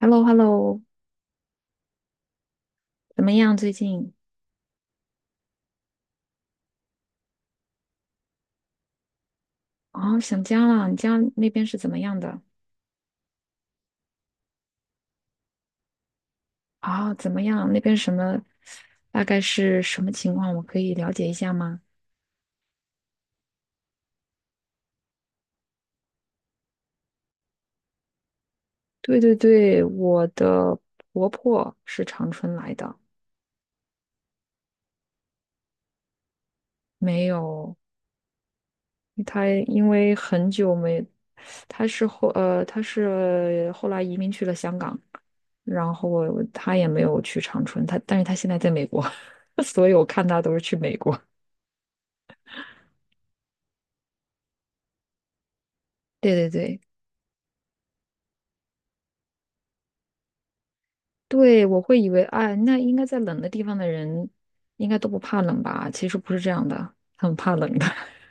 h e l l o h e l l o。 怎么样？最近啊，想家了。你家那边是怎么样的？啊？怎么样？那边什么？大概是什么情况？我可以了解一下吗？对对对，我的婆婆是长春来的。没有，她因为很久没，她是后来移民去了香港。然后她也没有去长春，但是她现在在美国，所以我看她都是去美国。对对对。对，我会以为，哎，那应该在冷的地方的人应该都不怕冷吧？其实不是这样的，很怕冷的。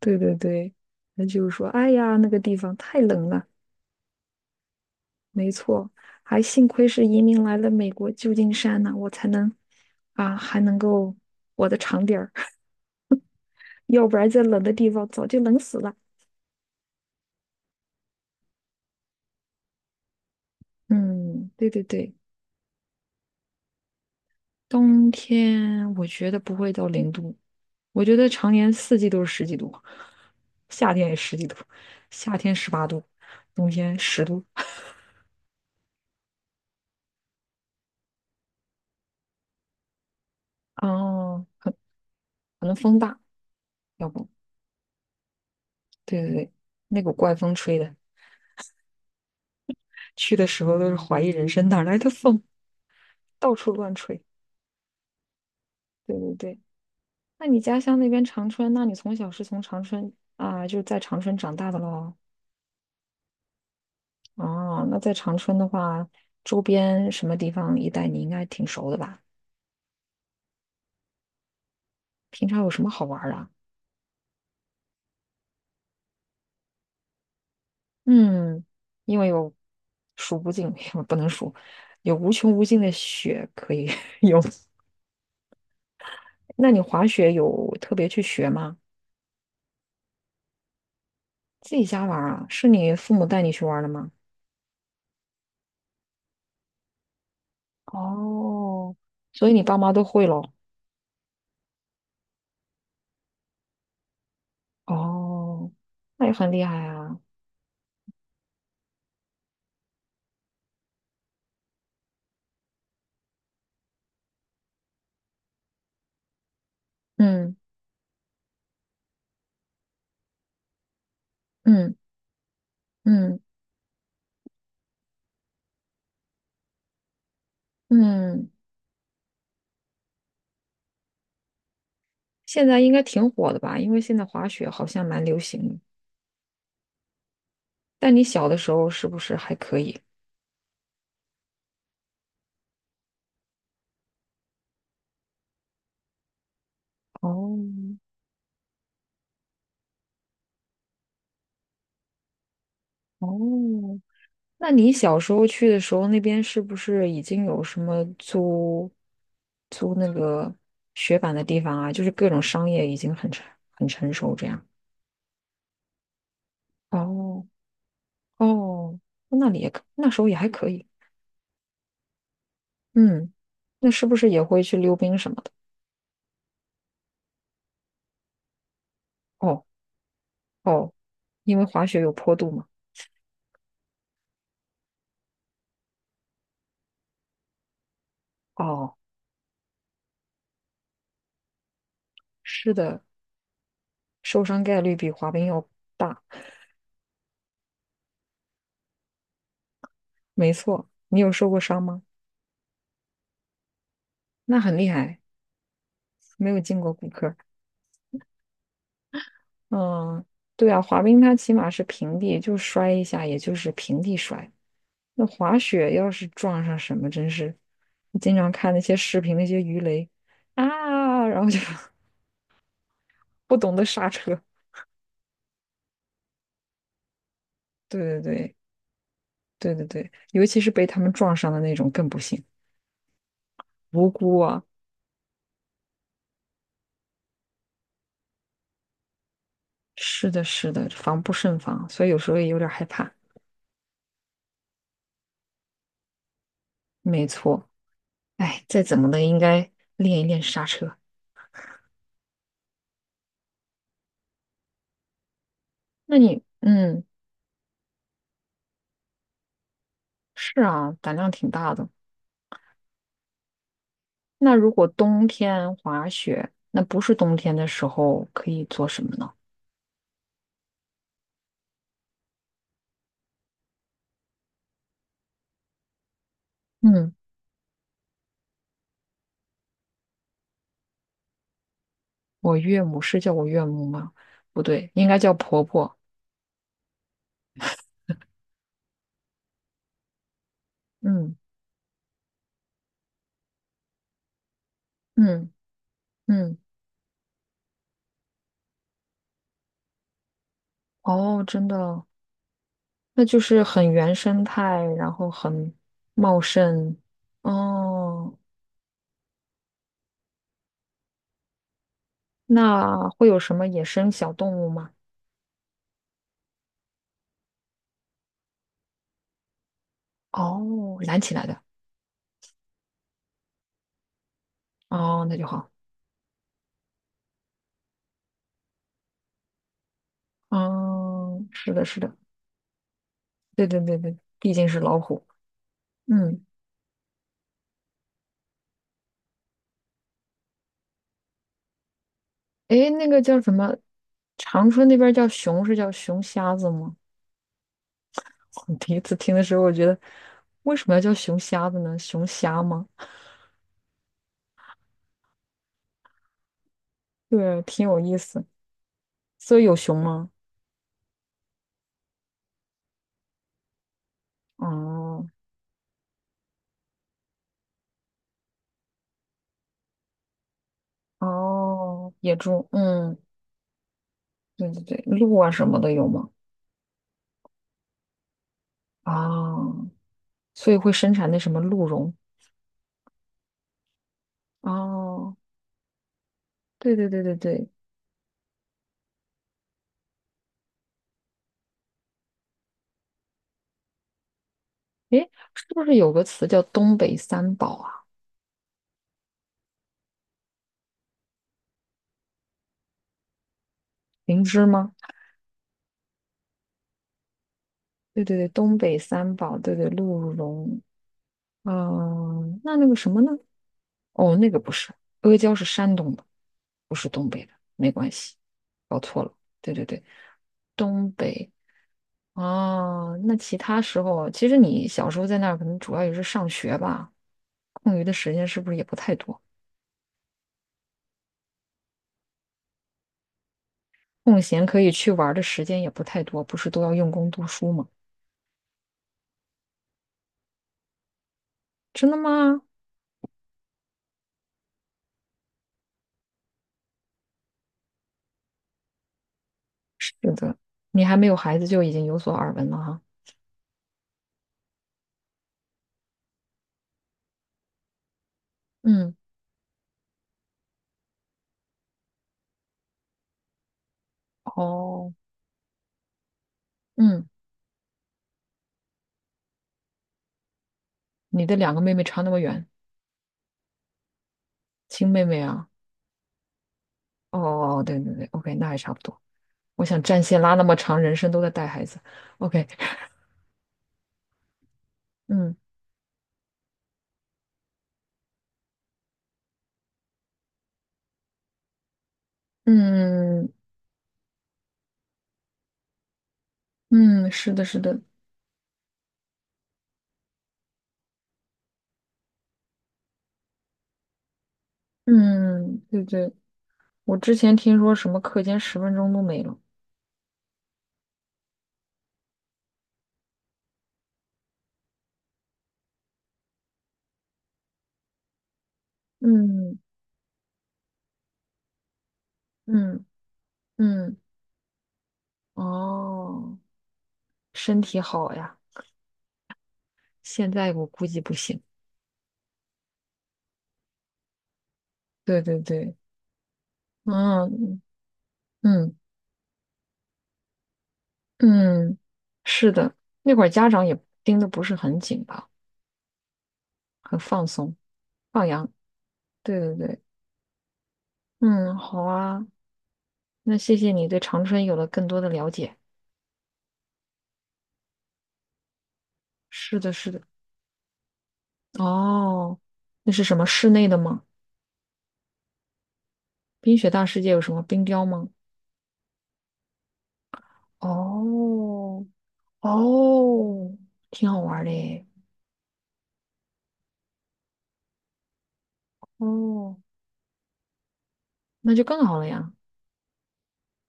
对对对，那就是说，哎呀，那个地方太冷了。没错，还幸亏是移民来了美国旧金山呢、我才能啊，还能够活得长点儿，要不然在冷的地方早就冷死了。嗯，对对对，冬天我觉得不会到0度，我觉得常年四季都是十几度，夏天也十几度，夏天18度，冬天10度。哦，可能风大，要不，对对对，那股怪风吹的，去的时候都是怀疑人生，哪来的风，到处乱吹。对对对，那你家乡那边长春，那你从小是从长春啊，就是在长春长大的喽？哦，那在长春的话，周边什么地方一带你应该挺熟的吧？平常有什么好玩儿的啊？嗯，因为有数不尽，不能数，有无穷无尽的雪可以 用。那你滑雪有特别去学吗？自己家玩儿啊？是你父母带你去玩儿的吗？哦，所以你爸妈都会喽？哦，那也很厉害啊。嗯嗯嗯嗯，现在应该挺火的吧？因为现在滑雪好像蛮流行的。但你小的时候是不是还可以？哦哦，那你小时候去的时候，那边是不是已经有什么租那个雪板的地方啊？就是各种商业已经很成熟这样。哦哦，那里也可，那时候也还可以。嗯，那是不是也会去溜冰什么的？哦哦，因为滑雪有坡度嘛。哦，是的，受伤概率比滑冰要大。没错，你有受过伤吗？那很厉害，没有进过骨科。嗯，对啊，滑冰它起码是平地，就摔一下，也就是平地摔。那滑雪要是撞上什么，真是，我经常看那些视频，那些鱼雷啊，然后就 不懂得刹车。对对对对对对，尤其是被他们撞上的那种更不行，无辜啊。是的，是的，防不胜防，所以有时候也有点害怕。没错，哎，再怎么的应该练一练刹车。那你，嗯，是啊，胆量挺大的。那如果冬天滑雪，那不是冬天的时候可以做什么呢？嗯，我岳母是叫我岳母吗？不对，应该叫婆婆。嗯嗯嗯，哦，真的哦，那就是很原生态，然后很茂盛。哦，那会有什么野生小动物吗？哦，拦起来的。哦，那就好。哦，是的，是的，对对对对，毕竟是老虎。嗯。诶，那个叫什么？长春那边叫熊是叫熊瞎子吗？我第一次听的时候，我觉得为什么要叫熊瞎子呢？熊瞎吗？对，挺有意思。所以有熊吗？哦哦，野猪，嗯，对对对，鹿啊什么的有吗？哦，所以会生产那什么鹿茸。哦，对对对对对，诶，是不是有个词叫东北三宝啊？灵芝吗？对对对，东北三宝，对对，鹿茸，嗯、那那个什么呢？哦，那个不是，阿胶是山东的，不是东北的，没关系，搞错了。对对对，东北啊，那其他时候，其实你小时候在那儿，可能主要也是上学吧，空余的时间是不是也不太多？空闲可以去玩儿的时间也不太多，不是都要用功读书吗？真的吗？是的，你还没有孩子就已经有所耳闻了哈。嗯，哦，嗯，你的2个妹妹差那么远，亲妹妹啊。哦，对对对，OK，那还差不多。我想战线拉那么长，人生都在带孩子。OK，嗯嗯嗯，是的，是的，嗯，对对，我之前听说什么课间10分钟都没了。嗯嗯嗯，哦，身体好呀，现在我估计不行。对对对，嗯嗯嗯，是的，那会儿家长也盯的不是很紧吧，很放松，放羊。对对对，嗯，好啊。那谢谢你对长春有了更多的了解。是的，是的。哦，那是什么室内的吗？冰雪大世界有什么冰雕吗？哦，哦，挺好玩儿的耶。哦，那就更好了呀。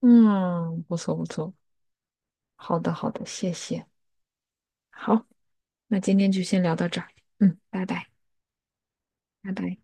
嗯，不错不错。好的好的，谢谢。好，那今天就先聊到这儿。嗯，拜拜拜拜。